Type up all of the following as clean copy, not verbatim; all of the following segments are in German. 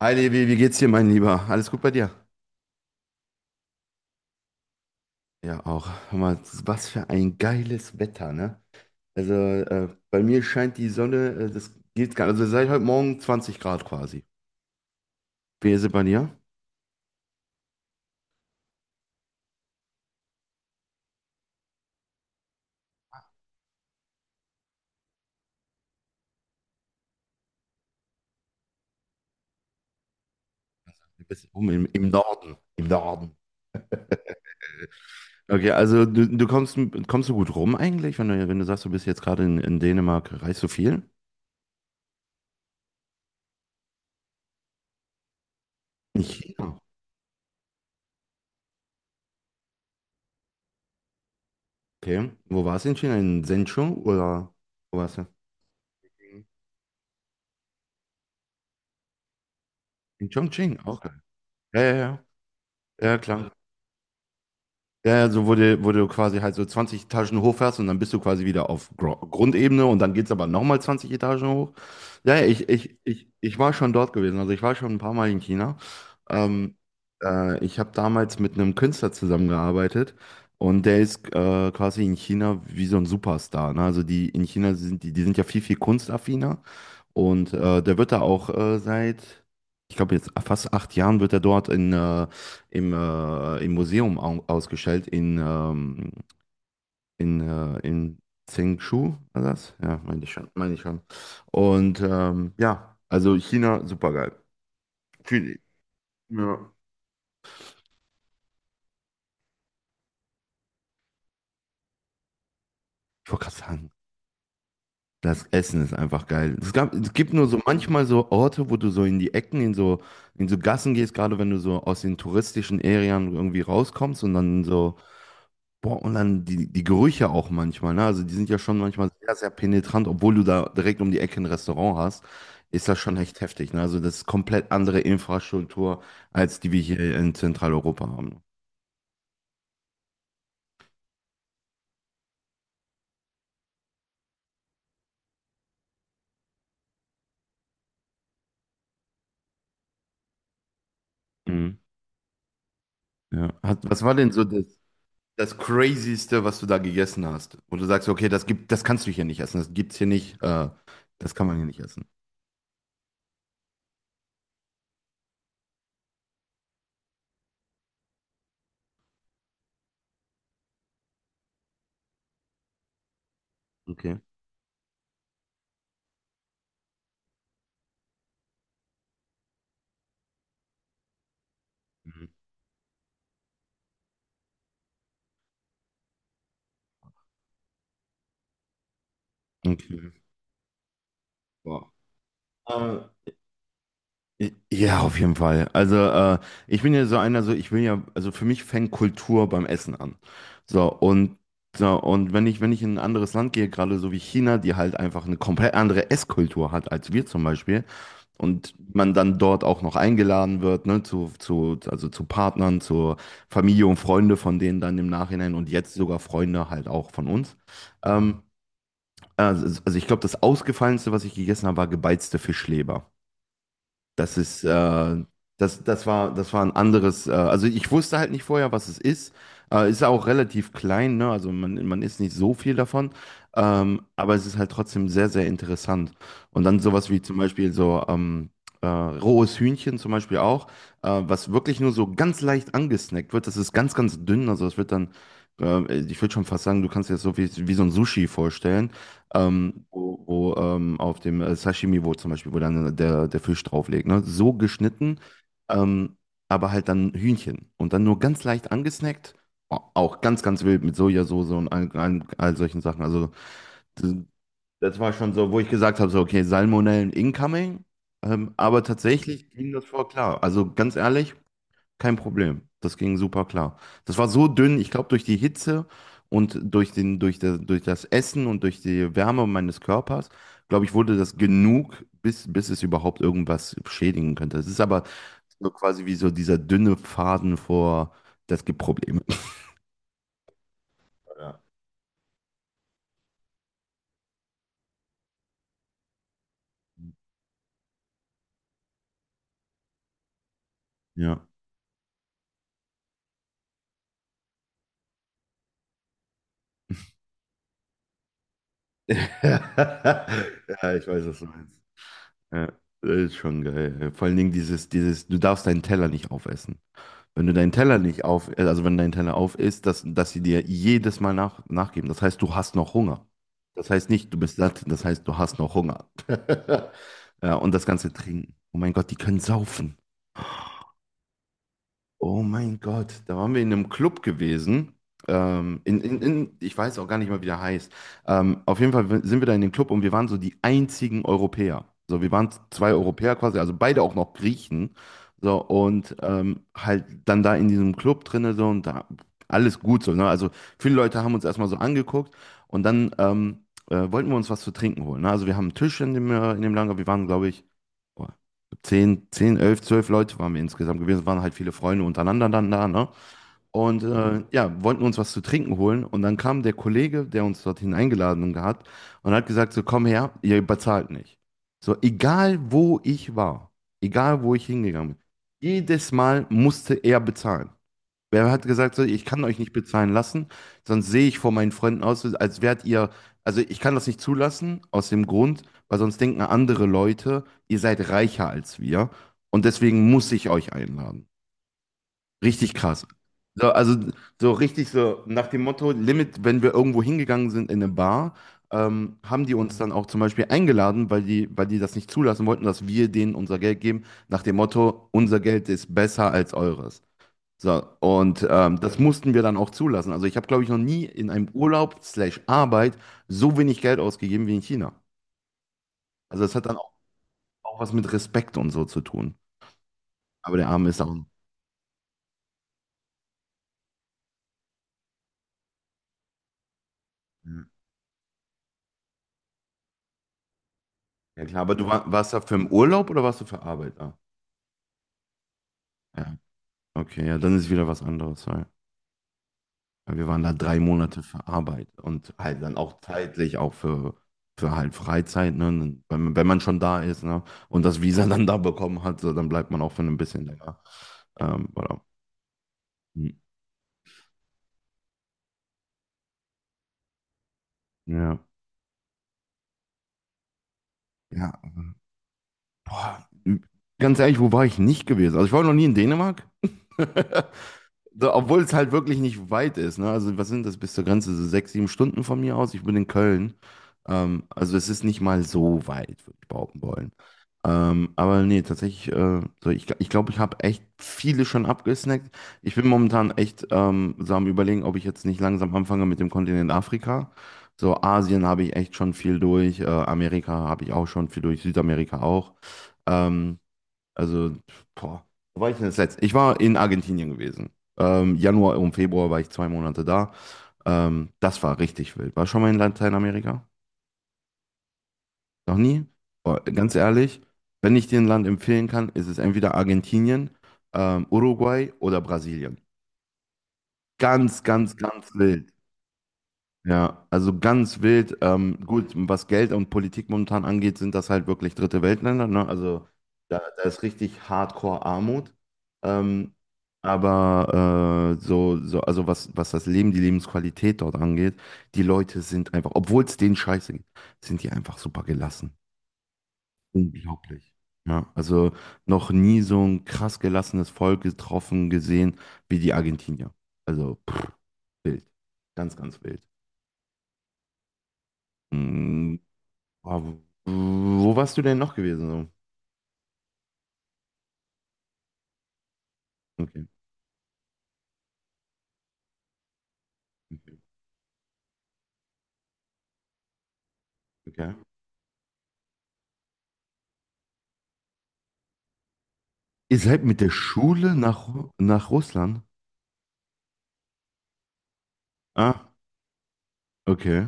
Hi Levi, wie geht's dir, mein Lieber? Alles gut bei dir? Ja, auch. Hör mal, was für ein geiles Wetter, ne? Also bei mir scheint die Sonne, das geht gar nicht. Also seit heute Morgen 20 Grad quasi. Wie ist es bei dir? Du bist oben im Norden. Im Norden. Okay, also du kommst, kommst du gut rum eigentlich, wenn du sagst, du bist jetzt gerade in Dänemark, reist du viel? In China. Okay. Wo warst du in China? In Zhengzhou oder wo warst du? In Chongqing, auch geil. Ja, ja, ja. Ja, klar. Ja, ja, so wo du quasi halt so 20 Etagen hochfährst und dann bist du quasi wieder auf Gro Grundebene und dann geht's aber nochmal 20 Etagen hoch. Ja, ja, ich war schon dort gewesen. Also ich war schon ein paar Mal in China. Ähm, ich habe damals mit einem Künstler zusammengearbeitet und der ist quasi in China wie so ein Superstar. Ne? Also die in China sind die, die sind ja viel, viel kunstaffiner und der wird da auch seit, ich glaube jetzt fast 8 Jahren wird er dort in im, im Museum au ausgestellt in Zhengshu, war das? Ja, meine ich schon, meine ich schon. Und ja, also China, super geil. Viel- Ja. Ich wollte gerade sagen, das Essen ist einfach geil. Es gab, es gibt nur so manchmal so Orte, wo du so in die Ecken, in so Gassen gehst, gerade wenn du so aus den touristischen Arealen irgendwie rauskommst und dann so Boah, und dann die, die Gerüche auch manchmal, ne? Also die sind ja schon manchmal sehr, sehr penetrant, obwohl du da direkt um die Ecke ein Restaurant hast, ist das schon echt heftig, ne? Also das ist komplett andere Infrastruktur, als die wir hier in Zentraleuropa haben. Mhm. Ja. Hat, was war denn so das, das Crazyste, was du da gegessen hast? Wo du sagst, okay, das gibt, das kannst du hier nicht essen, das gibt's hier nicht, das kann man hier nicht essen. Okay. Mhm. Okay. Boah. Äh, Ja, auf jeden Fall. Also ich bin ja so einer, so ich will ja, also für mich fängt Kultur beim Essen an. So und so und wenn ich in ein anderes Land gehe, gerade so wie China, die halt einfach eine komplett andere Esskultur hat als wir zum Beispiel und man dann dort auch noch eingeladen wird, ne, zu also zu Partnern, zur Familie und Freunde von denen dann im Nachhinein und jetzt sogar Freunde halt auch von uns. Ähm, also ich glaube, das Ausgefallenste, was ich gegessen habe, war gebeizte Fischleber. Das ist, das war, das war ein anderes, also ich wusste halt nicht vorher, was es ist. Ist auch relativ klein, ne? Also man isst nicht so viel davon, aber es ist halt trotzdem sehr, sehr interessant. Und dann sowas wie zum Beispiel so rohes Hühnchen zum Beispiel auch, was wirklich nur so ganz leicht angesnackt wird. Das ist ganz, ganz dünn, also es wird dann, ich würde schon fast sagen, du kannst dir das so wie, wie so ein Sushi vorstellen wo auf dem Sashimi, wo zum Beispiel, wo dann der Fisch drauflegt ne? So geschnitten, ähm, aber halt dann Hühnchen und dann nur ganz leicht angesnackt, auch ganz, ganz wild mit Sojasauce und all solchen Sachen. Also das, das war schon so, wo ich gesagt habe, so, okay, Salmonellen incoming, aber tatsächlich ging das voll klar. Also ganz ehrlich, kein Problem. Das ging super klar. Das war so dünn, ich glaube, durch die Hitze und durch den, durch der, durch das Essen und durch die Wärme meines Körpers, glaube ich, wurde das genug, bis, bis es überhaupt irgendwas schädigen könnte. Es ist aber so quasi wie so dieser dünne Faden vor, das gibt Probleme. Ja, ja. ja ich weiß, was du meinst. Ja, das ist schon geil. Vor allen Dingen dieses, dieses, du darfst deinen Teller nicht aufessen. Wenn du deinen Teller nicht auf, also wenn dein Teller auf ist, dass sie dir jedes Mal nach, nachgeben. Das heißt, du hast noch Hunger. Das heißt nicht, du bist satt, das heißt, du hast noch Hunger. Ja, und das ganze Trinken. Oh mein Gott, die können saufen. Oh mein Gott, da waren wir in einem Club gewesen. Ich weiß auch gar nicht mal, wie der heißt. Auf jeden Fall sind wir da in den Club und wir waren so die einzigen Europäer. So, wir waren zwei Europäer quasi, also beide auch noch Griechen. So, und halt dann da in diesem Club drinne so und da alles gut so. Ne? Also viele Leute haben uns erstmal so angeguckt und dann wollten wir uns was zu trinken holen. Ne? Also wir haben einen Tisch in dem Lager. Wir waren, glaube ich, 10, 10, 11, 12 Leute waren wir insgesamt gewesen. Es waren halt viele Freunde untereinander dann da, ne? Und ja, wollten uns was zu trinken holen. Und dann kam der Kollege, der uns dorthin eingeladen hat, und hat gesagt: So, komm her, ihr bezahlt nicht. So, egal wo ich war, egal wo ich hingegangen bin, jedes Mal musste er bezahlen. Wer hat gesagt, so, ich kann euch nicht bezahlen lassen, sonst sehe ich vor meinen Freunden aus, als wärt ihr, also ich kann das nicht zulassen, aus dem Grund, weil sonst denken andere Leute, ihr seid reicher als wir und deswegen muss ich euch einladen. Richtig krass. So, also so richtig so nach dem Motto, Limit, wenn wir irgendwo hingegangen sind in eine Bar, haben die uns dann auch zum Beispiel eingeladen, weil die das nicht zulassen wollten, dass wir denen unser Geld geben, nach dem Motto, unser Geld ist besser als eures. So, und das mussten wir dann auch zulassen. Also ich habe, glaube ich, noch nie in einem Urlaub slash Arbeit so wenig Geld ausgegeben wie in China. Also das hat dann auch, auch was mit Respekt und so zu tun. Aber der Arme ist auch... Ja, ja, klar, aber warst da für im Urlaub oder warst du für Arbeit da? Ja, okay, ja, dann ist wieder was anderes. Ja. Ja, wir waren da 3 Monate für Arbeit und halt dann auch zeitlich auch für halt Freizeit, ne? Wenn man schon da ist, ne? Und das Visa dann da bekommen hat, so, dann bleibt man auch für ein bisschen länger. Voilà. Hm. Ja. Ja, boah, ganz ehrlich, wo war ich nicht gewesen? Also ich war noch nie in Dänemark. So, obwohl es halt wirklich nicht weit ist, ne? Also, was sind das bis zur Grenze? So 6, 7 Stunden von mir aus. Ich bin in Köln. Also, es ist nicht mal so weit, würde ich behaupten wollen. Aber nee, tatsächlich, so ich glaube, ich habe echt viele schon abgesnackt. Ich bin momentan echt so am Überlegen, ob ich jetzt nicht langsam anfange mit dem Kontinent Afrika. So, Asien habe ich echt schon viel durch, Amerika habe ich auch schon viel durch, Südamerika auch. Ähm, also, boah, wo war ich denn das letzte? Ich war in Argentinien gewesen. Januar und Februar war ich 2 Monate da. Das war richtig wild. War schon mal in Lateinamerika? Noch nie? Boah, ganz ehrlich, wenn ich dir ein Land empfehlen kann, ist es entweder Argentinien, Uruguay oder Brasilien. Ganz, ganz, ganz wild. Ja, also ganz wild. Gut, was Geld und Politik momentan angeht, sind das halt wirklich dritte Weltländer, ne? Also da, da ist richtig Hardcore Armut. Ähm, aber so, so, also was, was das Leben, die Lebensqualität dort angeht, die Leute sind einfach, obwohl es denen scheiße geht, sind die einfach super gelassen. Unglaublich. Ja, also noch nie so ein krass gelassenes Volk getroffen, gesehen wie die Argentinier. Also pff, wild. Ganz, ganz wild. Mm. Ah, wo warst du denn noch gewesen? So? Okay. Okay. Okay. Ihr seid mit der Schule nach, nach Russland? Ah, okay.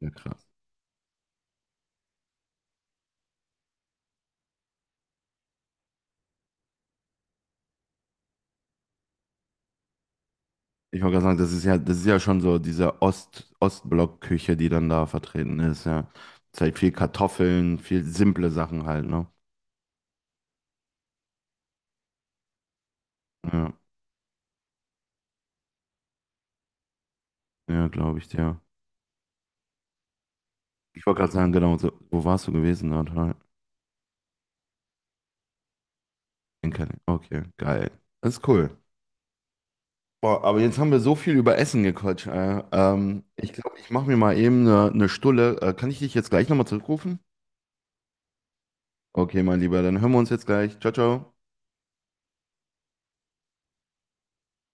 Ja, krass. Ich wollte gerade sagen, das ist ja schon so diese Ost, Ostblock-Küche, die dann da vertreten ist, ja. Ist halt viel Kartoffeln, viel simple Sachen halt, ne? Ja, ja, glaube ich, dir. Ich wollte gerade sagen, genau, so, wo warst du gewesen? Na, in Kaliningrad. Okay, geil. Das ist cool. Boah, aber jetzt haben wir so viel über Essen gequatscht. Ich glaube, ich mache mir mal eben eine Stulle. Kann ich dich jetzt gleich nochmal zurückrufen? Okay, mein Lieber, dann hören wir uns jetzt gleich. Ciao, ciao.